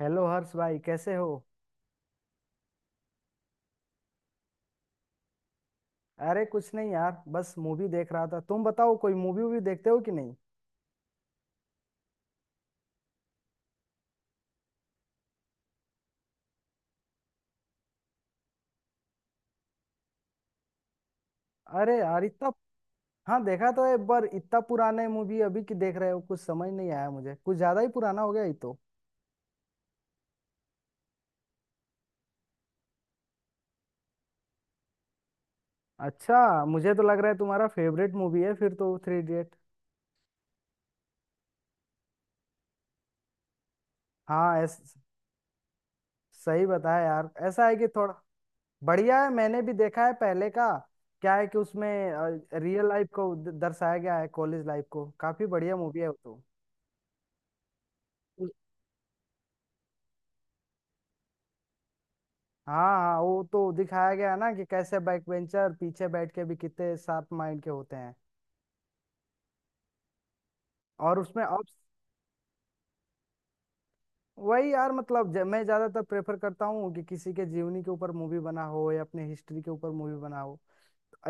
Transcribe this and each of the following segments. Hello Harsh भाई कैसे हो? अरे कुछ नहीं यार, बस मूवी देख रहा था। तुम बताओ, कोई मूवी वूवी देखते हो कि नहीं? अरे यार, इतना। हाँ, देखा तो एक बार। इतना पुराने मूवी अभी की देख रहे हो? कुछ समझ नहीं आया मुझे, कुछ ज्यादा ही पुराना हो गया ये तो। अच्छा, मुझे तो लग रहा है तुम्हारा फेवरेट मूवी है फिर तो थ्री इडियट। हाँ। सही बताया यार, ऐसा है कि थोड़ा। बढ़िया है, मैंने भी देखा है पहले का। क्या है कि उसमें रियल लाइफ को दर्शाया गया है, कॉलेज लाइफ को। काफी बढ़िया मूवी है वो तो। हाँ हाँ, वो तो दिखाया गया है ना कि कैसे बैक बेंचर पीछे बैठ के भी कितने शार्प माइंड के होते हैं। और उसमें अब। वही यार, मतलब मैं ज्यादातर प्रेफर करता हूँ कि किसी के जीवनी के ऊपर मूवी बना हो, या अपने हिस्ट्री के ऊपर मूवी बना हो,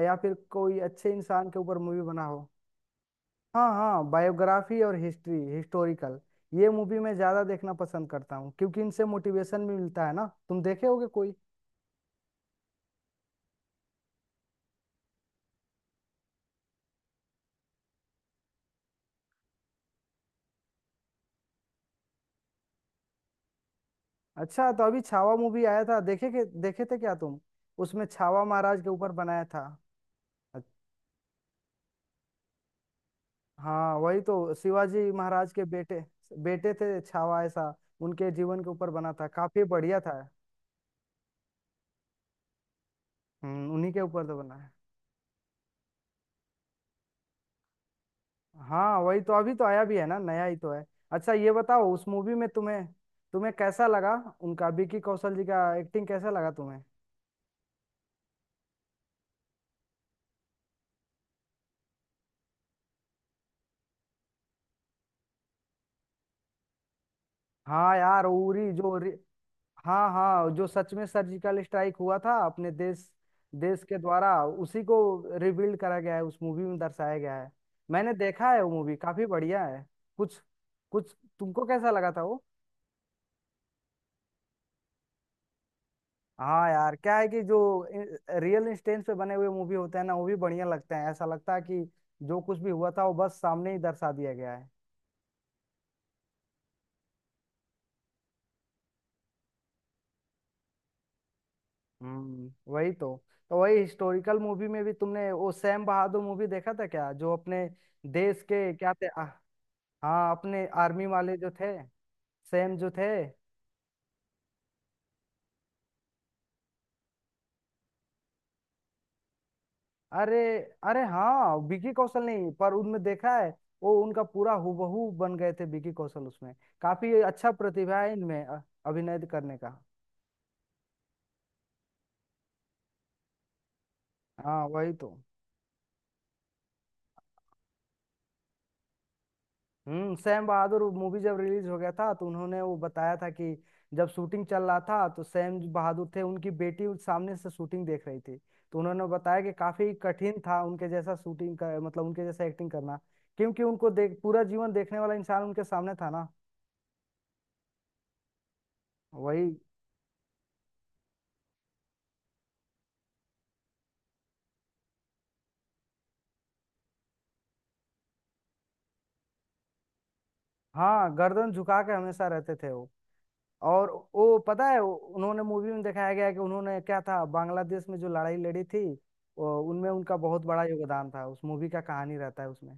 या फिर कोई अच्छे इंसान के ऊपर मूवी बना हो। हाँ हाँ, बायोग्राफी और हिस्ट्री, हिस्टोरिकल। ये मूवी मैं ज्यादा देखना पसंद करता हूँ, क्योंकि इनसे मोटिवेशन भी मिलता है ना। तुम देखे होगे कोई। अच्छा, तो अभी छावा मूवी आया था, देखे के देखे थे क्या तुम? उसमें छावा महाराज के ऊपर बनाया था। अच- हाँ, वही तो शिवाजी महाराज के बेटे। बेटे थे छावा, ऐसा। उनके जीवन के ऊपर बना था, काफी बढ़िया था। उन्हीं के ऊपर तो बना है। हाँ, वही तो, अभी तो आया भी है ना, नया ही तो है। अच्छा, ये बताओ उस मूवी में तुम्हें, तुम्हें कैसा लगा? उनका विकी कौशल जी का एक्टिंग कैसा लगा तुम्हें? हाँ यार, उरी जो। हाँ हाँ, जो सच में सर्जिकल स्ट्राइक हुआ था अपने देश। देश के द्वारा उसी को रिबिल्ड करा गया है, उस मूवी में दर्शाया गया है। मैंने देखा है वो मूवी, काफी बढ़िया है। कुछ कुछ तुमको कैसा लगा था वो? हाँ यार, क्या है कि जो रियल इंस्टेंस पे बने हुए मूवी होते हैं ना, वो भी बढ़िया लगते हैं, ऐसा लगता है कि जो कुछ भी हुआ था वो बस सामने ही दर्शा दिया गया है। हम्म, वही तो। तो वही हिस्टोरिकल मूवी में भी, तुमने वो सैम बहादुर मूवी देखा था क्या जो अपने देश के क्या थे? हाँ, अपने आर्मी वाले जो थे, सेम जो थे। अरे। अरे हाँ, विकी कौशल नहीं, पर उनमें देखा है। वो उनका पूरा हूबहू बन गए थे विकी कौशल उसमें। काफी अच्छा प्रतिभा है इनमें, अभिनय करने का। हाँ, वही तो। सैम बहादुर मूवी जब रिलीज हो गया था तो उन्होंने वो बताया था कि जब शूटिंग चल रहा था तो सैम जो बहादुर थे, उनकी बेटी उस सामने से शूटिंग देख रही थी। तो उन्होंने बताया कि काफी कठिन था उनके जैसा मतलब उनके जैसा एक्टिंग करना, क्योंकि उनको देख पूरा जीवन देखने वाला इंसान उनके सामने था ना। वही। हाँ, गर्दन झुका के हमेशा रहते थे वो। और वो पता है, उन्होंने मूवी में दिखाया गया है कि उन्होंने क्या था, बांग्लादेश में जो लड़ाई लड़ी थी। उनमें उनका बहुत बड़ा योगदान था, उस मूवी का कहानी रहता है उसमें।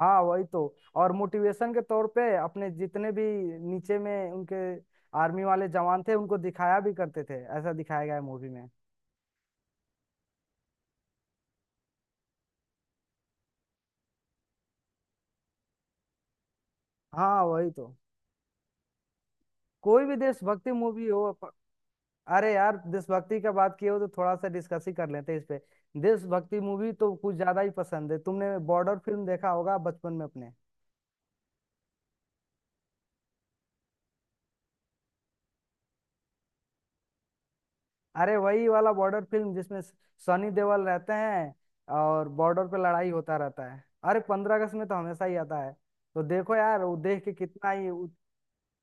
हाँ, वही तो। और मोटिवेशन के तौर पे अपने जितने भी नीचे में उनके आर्मी वाले जवान थे उनको दिखाया भी करते थे, ऐसा दिखाया गया है मूवी में। हाँ, वही तो। कोई भी देशभक्ति मूवी हो अरे यार, देशभक्ति का बात किए हो तो थोड़ा सा डिस्कस ही कर लेते हैं इस पे। देशभक्ति मूवी तो कुछ ज्यादा ही पसंद है। तुमने बॉर्डर फिल्म देखा होगा बचपन में अपने? अरे वही वाला बॉर्डर फिल्म, जिसमें सनी देओल रहते हैं और बॉर्डर पे लड़ाई होता रहता है। अरे, 15 अगस्त में तो हमेशा ही आता है। तो देखो यार, वो देख के कितना ही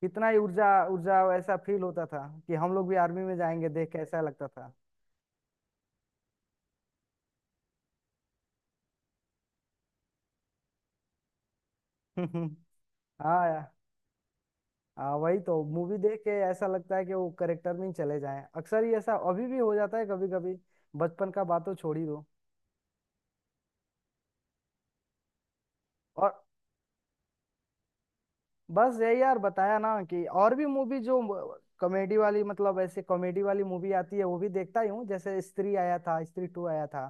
कितना ही ऊर्जा ऊर्जा ऐसा फील होता था कि हम लोग भी आर्मी में जाएंगे, देख के ऐसा लगता था। हाँ यार। हाँ, वही तो। मूवी देख के ऐसा लगता है कि वो करेक्टर में ही चले जाएं। अक्सर ही ऐसा अभी भी हो जाता है कभी कभी। बचपन का बात तो छोड़ ही दो। और बस यही यार, बताया ना कि और भी मूवी जो कॉमेडी वाली, मतलब ऐसे कॉमेडी वाली मूवी आती है वो भी देखता ही हूँ, जैसे स्त्री आया था, स्त्री 2 आया था।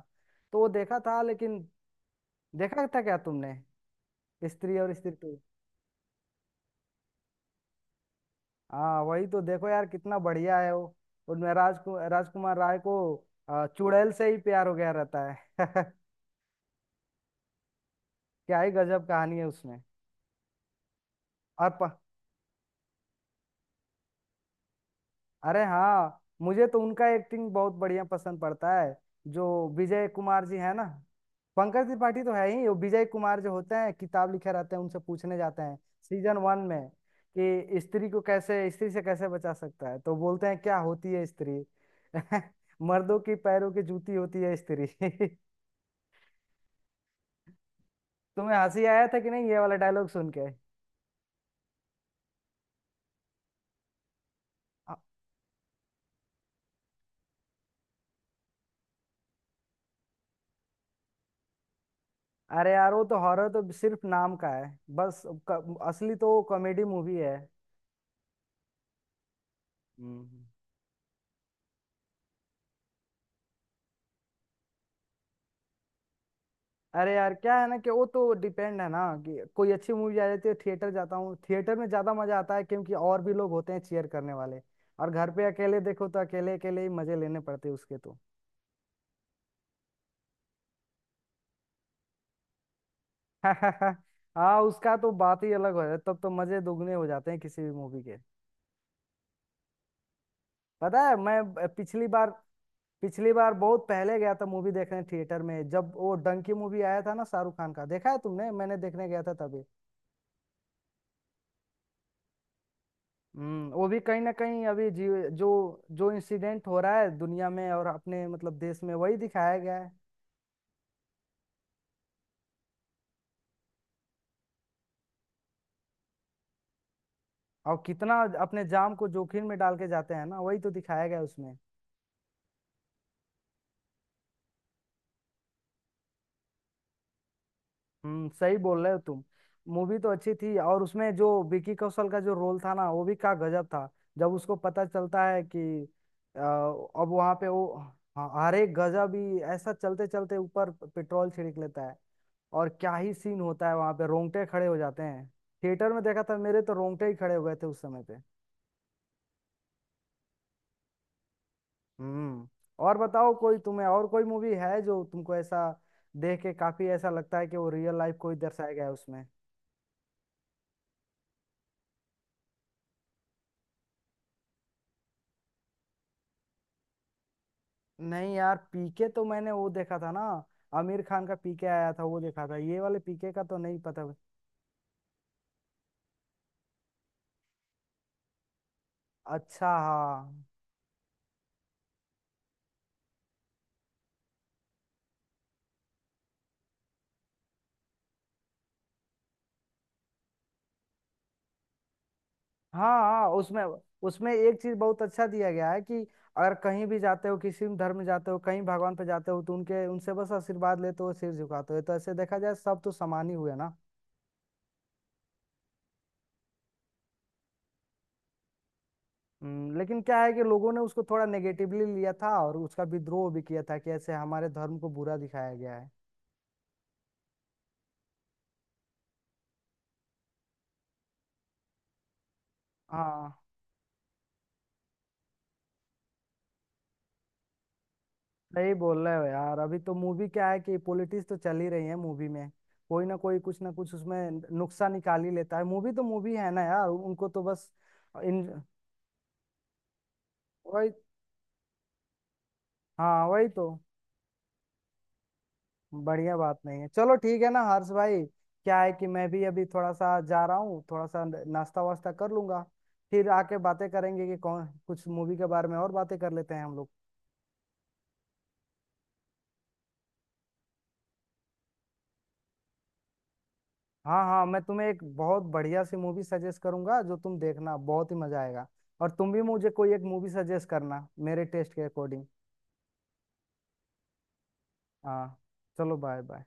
तो वो देखा था, लेकिन देखा था क्या तुमने, स्त्री और स्त्री 2? हाँ, वही तो। देखो यार, कितना बढ़िया है वो। उनमें राजकुमार राय को चुड़ैल से ही प्यार हो गया रहता है। क्या ही गजब कहानी है उसमें। और प, अरे हाँ, मुझे तो उनका एक्टिंग बहुत बढ़िया पसंद पड़ता है। जो विजय कुमार जी है ना, पंकज त्रिपाठी तो है ही। वो विजय कुमार जो होते हैं, किताब लिखे रहते हैं, उनसे पूछने जाते हैं सीजन 1 में कि स्त्री को कैसे, स्त्री से कैसे बचा सकता है, तो बोलते हैं क्या होती है स्त्री। मर्दों की पैरों की जूती होती है स्त्री। तुम्हें हंसी आया था कि नहीं ये वाला डायलॉग सुन के? अ- अरे यार, वो तो हॉरर तो सिर्फ नाम का है बस। असली तो कॉमेडी मूवी है। हम्म। अरे यार, क्या है ना कि वो तो डिपेंड है ना कि कोई अच्छी मूवी आ जाती है थिएटर जाता हूँ। थिएटर में ज्यादा मजा आता है क्योंकि और भी लोग होते हैं चीयर करने वाले, और घर पे अकेले देखो तो अकेले अकेले ही मजे लेने पड़ते हैं उसके तो। हाँ, उसका तो बात ही अलग हो जाता है, तब तो मजे दुगने हो जाते हैं किसी भी मूवी के। पता है, मैं पिछली बार, पिछली बार बहुत पहले गया था मूवी देखने थिएटर में, जब वो डंकी मूवी आया था ना शाहरुख खान का, देखा है तुमने? मैंने देखने गया था तभी। वो भी कहीं ना कहीं अभी जी, जो जो इंसिडेंट हो रहा है दुनिया में और अपने, मतलब देश में, वही दिखाया गया है। और कितना अपने जान को जोखिम में डाल के जाते हैं ना, वही तो दिखाया गया है उसमें। सही बोल रहे हो तुम। मूवी तो अच्छी थी, और उसमें जो विकी कौशल का जो रोल था ना, वो भी क्या गजब था। जब उसको पता चलता है कि अब वहां पे वो हर एक गजब ही ऐसा, चलते चलते ऊपर पेट्रोल छिड़क लेता है। और क्या ही सीन होता है, वहां पे रोंगटे खड़े हो जाते हैं। थिएटर में देखा था, मेरे तो रोंगटे ही खड़े हो गए थे उस समय पे। हम्म। और बताओ, कोई तुम्हें और कोई मूवी है जो तुमको ऐसा देख के काफी ऐसा लगता है कि वो रियल लाइफ को ही दर्शाया गया है उसमें? नहीं यार, पीके तो मैंने वो देखा था ना, आमिर खान का पीके आया था, वो देखा था। ये वाले पीके का तो नहीं पता। अच्छा। हाँ हाँ हाँ, उसमें उसमें एक चीज बहुत अच्छा दिया गया है कि अगर कहीं भी जाते हो, किसी भी धर्म में जाते हो, कहीं भगवान पे जाते हो, तो उनके उनसे बस आशीर्वाद लेते हो, सिर झुकाते हो, तो ऐसे देखा जाए सब तो समान ही हुए ना। लेकिन क्या है कि लोगों ने उसको थोड़ा नेगेटिवली लिया था, और उसका विद्रोह भी किया था कि ऐसे हमारे धर्म को बुरा दिखाया गया है। हाँ, सही बोल रहे हो यार। अभी तो मूवी क्या है कि पॉलिटिक्स तो चल ही रही है मूवी में, कोई ना कोई कुछ ना कुछ उसमें नुक्सा निकाल ही लेता है। मूवी तो मूवी है ना यार, उनको तो बस इन वही। हाँ, वही तो। बढ़िया बात नहीं है। चलो ठीक है ना हर्ष भाई? क्या है कि मैं भी अभी थोड़ा सा जा रहा हूँ, थोड़ा सा नाश्ता वास्ता कर लूंगा, फिर आके बातें करेंगे कि कौन कुछ मूवी के बारे में। और बातें कर लेते हैं हम लोग। हाँ हाँ, मैं तुम्हें एक बहुत बढ़िया सी मूवी सजेस्ट करूंगा जो तुम देखना बहुत ही मजा आएगा। और तुम भी मुझे कोई एक मूवी सजेस्ट करना मेरे टेस्ट के अकॉर्डिंग। हाँ, चलो बाय बाय।